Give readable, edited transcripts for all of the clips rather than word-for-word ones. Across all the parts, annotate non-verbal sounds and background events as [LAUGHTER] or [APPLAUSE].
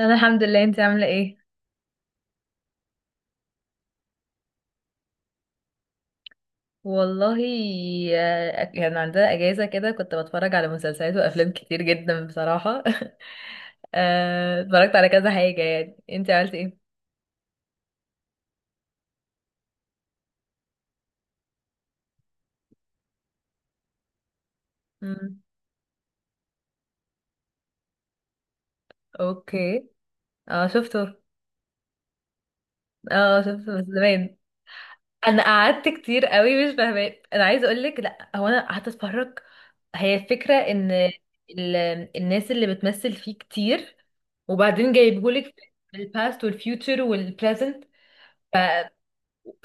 انا الحمد لله. انت عامله ايه؟ والله. كان عندنا اجازه كده كنت بتفرج على مسلسلات وافلام كتير جدا بصراحه [LAUGHS] اتفرجت على كذا حاجه. يعني انت عملت ايه؟ مم. اوكي. اه شفته. اه شفته بس زمان. انا قعدت كتير قوي مش فاهمه. انا عايزه اقول لك، لا هو انا قعدت اتفرج. هي الفكره ان ال... الناس اللي بتمثل فيه كتير، وبعدين جايبهولك الباست والفيوتشر والبريزنت،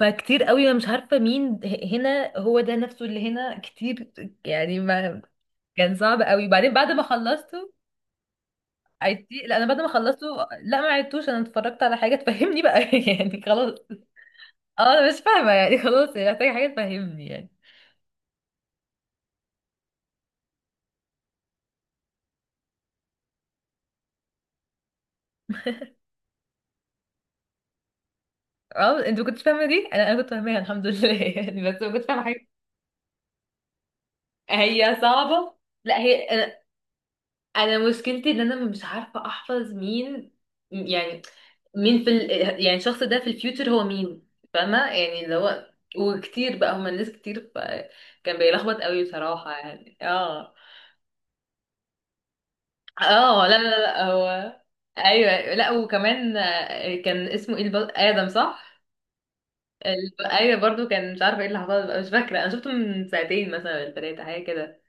فكتير قوي انا مش عارفه مين. هنا هو ده نفسه اللي هنا كتير، يعني ما. كان صعب قوي. وبعدين بعد ما خلصته. عدتي؟ لا انا بعد ما خلصته، لا ما عدتوش. انا اتفرجت على حاجه تفهمني بقى [LAUGHS] يعني خلاص. اه انا مش فاهمه، يعني خلاص، يعني محتاجه حاجه تفهمني يعني. اه انت ما كنتش فاهمه دي، انا كنت فاهماها الحمد لله [LAUGHS] يعني بس ما كنتش فاهمه حاجه. هي صعبه. لا هي، انا مشكلتي ان انا مش عارفه احفظ مين. يعني مين يعني الشخص ده في الفيوتشر هو مين، فاهمه؟ يعني اللي هو، وكتير بقى، هما الناس كتير، فكان بيلخبط قوي بصراحه يعني. اه. اه، لا لا لا، هو ايوه. لا وكمان، كان اسمه ايه؟ ادم، صح. ايوه، برضو كان مش عارفه ايه اللي حصل بقى، مش فاكره. انا شفته من ساعتين مثلا ولا ثلاثه، حاجه كده.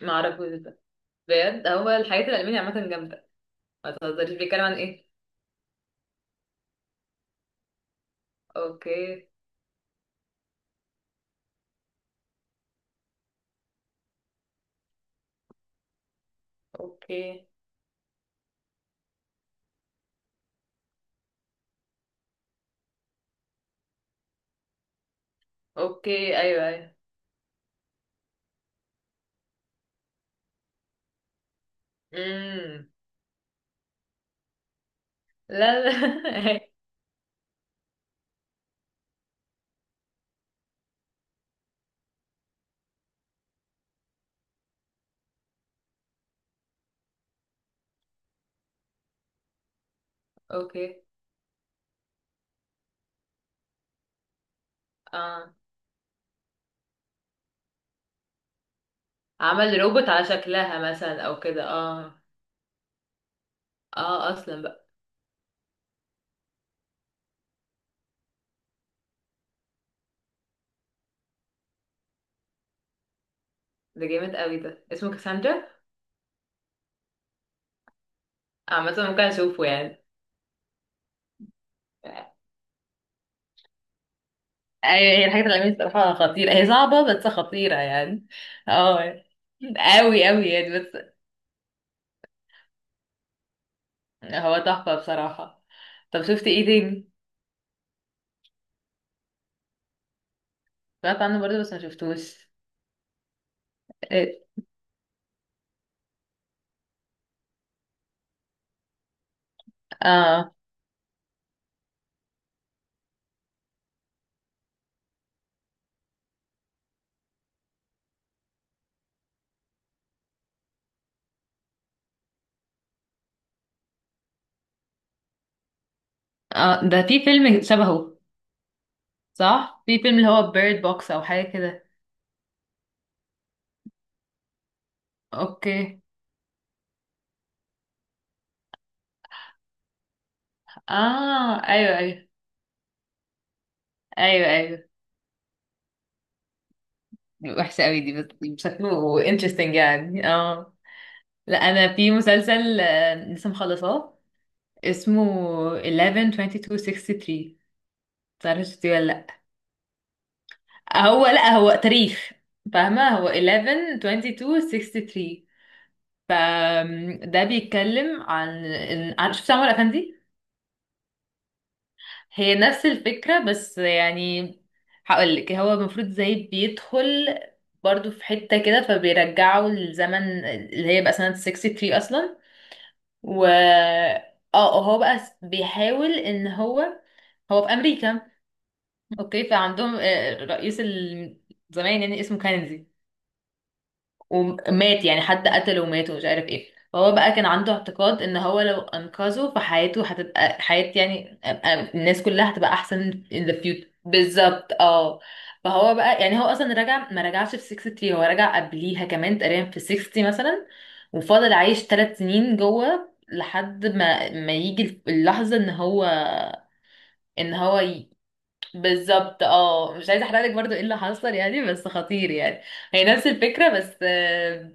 ما اعرفوش ده. بجد هو الحاجات الالمانيه عامه جامده. ما تهزريش، بيتكلم عن ايه؟ اوكي. اوكي. اوكي، ايوه ايوه. امم. لا لا [LAUGHS] اوكي. اه، عمل روبوت على شكلها مثلا او كده، اه. اه اصلا بقى. ده جامد قوي، ده اسمه كاساندرا. عامة ممكن اشوفه يعني. ايوه، هي الحاجات العلمية الصراحة خطيرة، هي صعبة بس خطيرة يعني. اه، قوي قوي يعني، بس هو تحفة بصراحة. طب شفت ايه تاني؟ سمعت عنه برضه بس ما شفتوش. إيه، اه اه، ده في فيلم شبهه. صح، في فيلم اللي هو بيرد بوكس او حاجه كده. اوكي، اه، ايوه ايوه. ايوه ايوه، وحشه قوي دي بس. شكله انترستنج يعني، اه. لا انا في مسلسل، لسه مخلصاه، اسمه 112263. تعرفش شفتيه ولا لا؟ هو لا، هو تاريخ، فاهمه؟ هو 112263. فده بيتكلم عن شفت عمر افندي؟ هي نفس الفكرة بس، يعني هقولك، هو المفروض زي بيدخل برضو في حتة كده فبيرجعوا للزمن اللي هي بقى سنة 63 أصلا. و اه، هو بقى بيحاول ان هو هو في أمريكا، اوكي. فعندهم رئيس زمان يعني اسمه كينيدي، ومات يعني حد قتله ومات ومش عارف ايه. فهو بقى كان عنده اعتقاد ان هو لو انقذه فحياته هتبقى حياة يعني، الناس كلها هتبقى احسن in the future، بالظبط، اه. فهو بقى يعني، هو اصلا رجع، ما رجعش في 63، هو رجع قبليها كمان تقريبا في 60 مثلا، وفضل عايش 3 سنين جوه لحد ما يجي اللحظة ان هو، ان هو بالظبط، اه. مش عايزه احرقلك برضو ايه اللي حصل يعني، بس خطير يعني. هي نفس الفكره بس،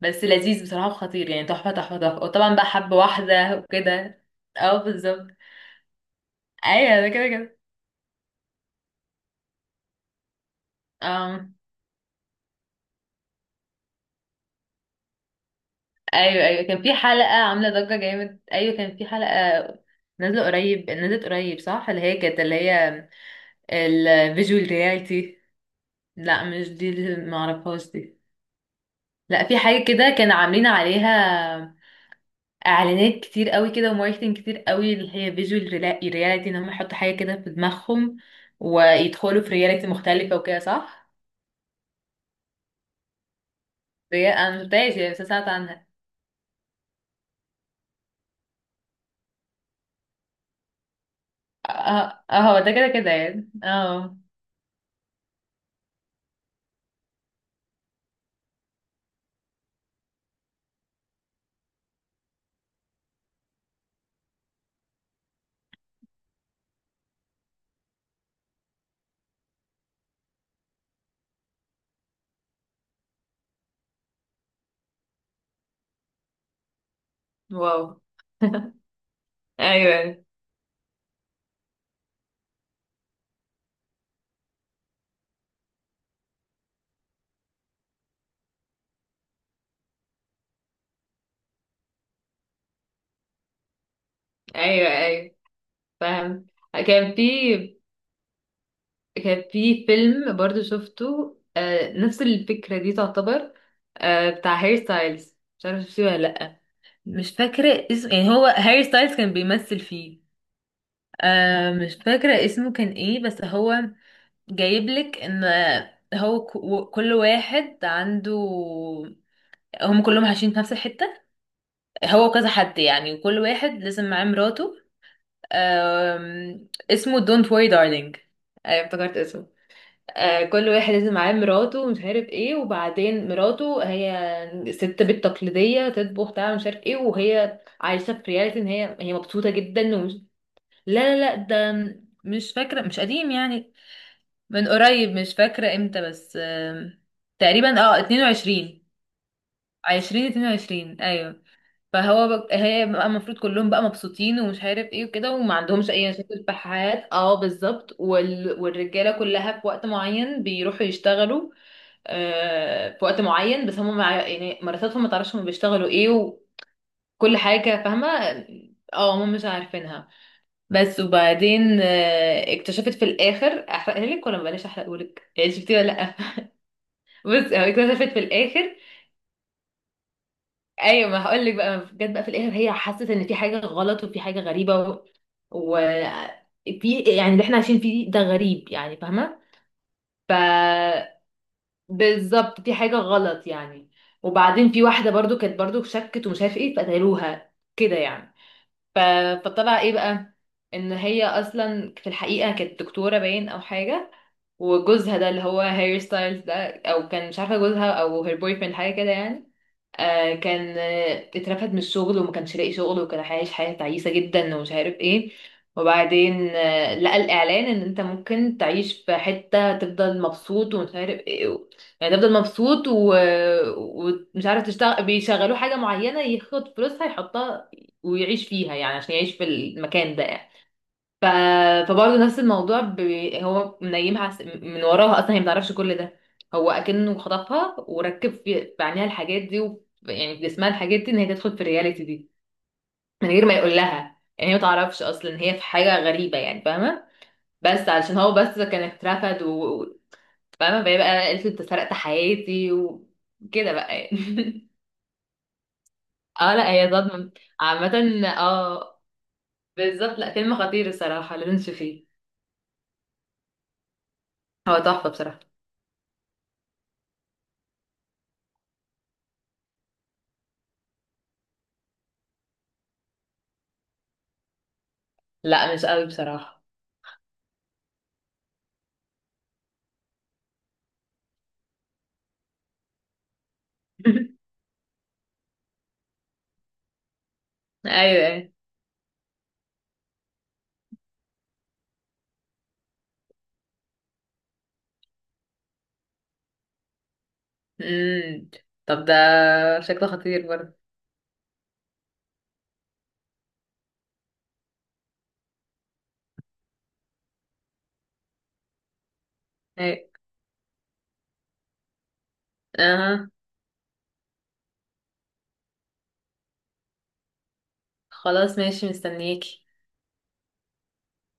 بس لذيذ بصراحه وخطير يعني، تحفه تحفه تحفه. وطبعا بقى حب واحده وكده. اه بالظبط. ايوه، ده كده كده. اه ايوه ايوه، كان في حلقه عامله ضجه جامد. ايوه كان في حلقه نازله قريب، نزلت قريب صح، اللي هي كانت، اللي هي الفيجوال رياليتي. لا مش دي، اللي معرفهاش دي. لا، في حاجه كده كانوا عاملين عليها اعلانات كتير قوي كده وماركتنج كتير قوي، اللي هي فيجوال رياليتي، ان هم يحطوا حاجه كده في دماغهم ويدخلوا في رياليتي مختلفه وكده، صح. انا مشفتهاش يعني بس أنا سمعت عنها. اه، هو ده كده كده يعني، اه. واو. ايوه ايوه ايوه، فاهم. كان في. كان في فيلم برضو شفته، آه نفس الفكره دي تعتبر. آه بتاع هير ستايلز، مش عارفه شفتيه ولا لا. مش فاكره اسمه يعني، هو هاري ستايلز كان بيمثل فيه. آه مش فاكرة اسمه كان ايه بس هو جايبلك ان كل واحد عنده، هم كلهم عايشين في نفس الحتة. هو كذا حد يعني، وكل واحد لازم معاه مراته. اسمه Don't worry darling. افتكرت اسمه. كل واحد لازم معاه مراته ومش عارف ايه، وبعدين مراته هي ست بيت تقليدية تطبخ تعمل مش عارف ايه، وهي عايشة في رياليتي ان هي مبسوطة جدا ومش. لا لا لا، ده مش فاكرة، مش قديم يعني، من قريب، مش فاكرة امتى، بس تقريبا اه 22، 2022، ايوه. فهو هي بقى المفروض كلهم بقى مبسوطين ومش عارف ايه وكده، وما عندهمش اي مشاكل في الحياة، اه بالظبط. والرجالة كلها في وقت معين بيروحوا يشتغلوا، آه في وقت معين، بس هم يعني مراتاتهم ما تعرفش هم بيشتغلوا ايه، وكل حاجة فاهمة. اه هم مش عارفينها. بس وبعدين، اكتشفت في الاخر. احرقها لك ولا ما بلاش احرقهولك يعني، شفتي ولا لأ؟ بص، هو اكتشفت في الاخر. ايوه ما هقول لك بقى، جت بقى في الاخر هي حست ان في حاجه غلط وفي حاجه غريبه و... و... في يعني اللي احنا عايشين فيه ده غريب يعني، فاهمه؟ ف، بالظبط، في حاجه غلط يعني. وبعدين في واحده برضو كانت برضو شكت ومش عارف ايه فقتلوها، كده يعني. ف... فطلع ايه بقى، ان هي اصلا في الحقيقه كانت دكتوره باين او حاجه. وجوزها ده اللي هو هير ستايلز ده، او كان مش عارفه جوزها او هير بوي فريند، حاجه كده يعني. آه كان، اترفد من الشغل وما كانش لاقي شغل، وكان عايش حياة تعيسة جدا ومش عارف ايه. وبعدين آه لقى الإعلان ان انت ممكن تعيش في حتة تفضل مبسوط ومش عارف ايه و... يعني تفضل مبسوط و... ومش عارف، تشتغل بيشغلوه حاجة معينة ياخد فلوسها يحطها ويعيش فيها يعني، عشان يعيش في المكان ده. ف... فبرضه نفس الموضوع هو منيمها من وراها، اصلا هي ما تعرفش كل ده. هو اكنه خطفها وركب في عينيها الحاجات دي و... يعني في جسمها الحاجات دي ان هي تدخل في الرياليتي دي، من غير ما يقول لها يعني، هي ما تعرفش اصلا ان هي في حاجه غريبه يعني، فاهمه؟ بس علشان هو بس كان اترفد و... و- فاهمه. فهي بقى قالت له انت سرقت حياتي، وكده بقى يعني [LAUGHS] اه لا هي صدمه عامه، اه بالظبط. لا فيلم خطير الصراحه، لازم تشوفيه. هو تحفه بصراحه. لا مش قوي بصراحه [LAUGHS] ايوه ايوه. امم طب ده شكله خطير برضه. ايوه، اها. خلاص ماشي، مستنيك.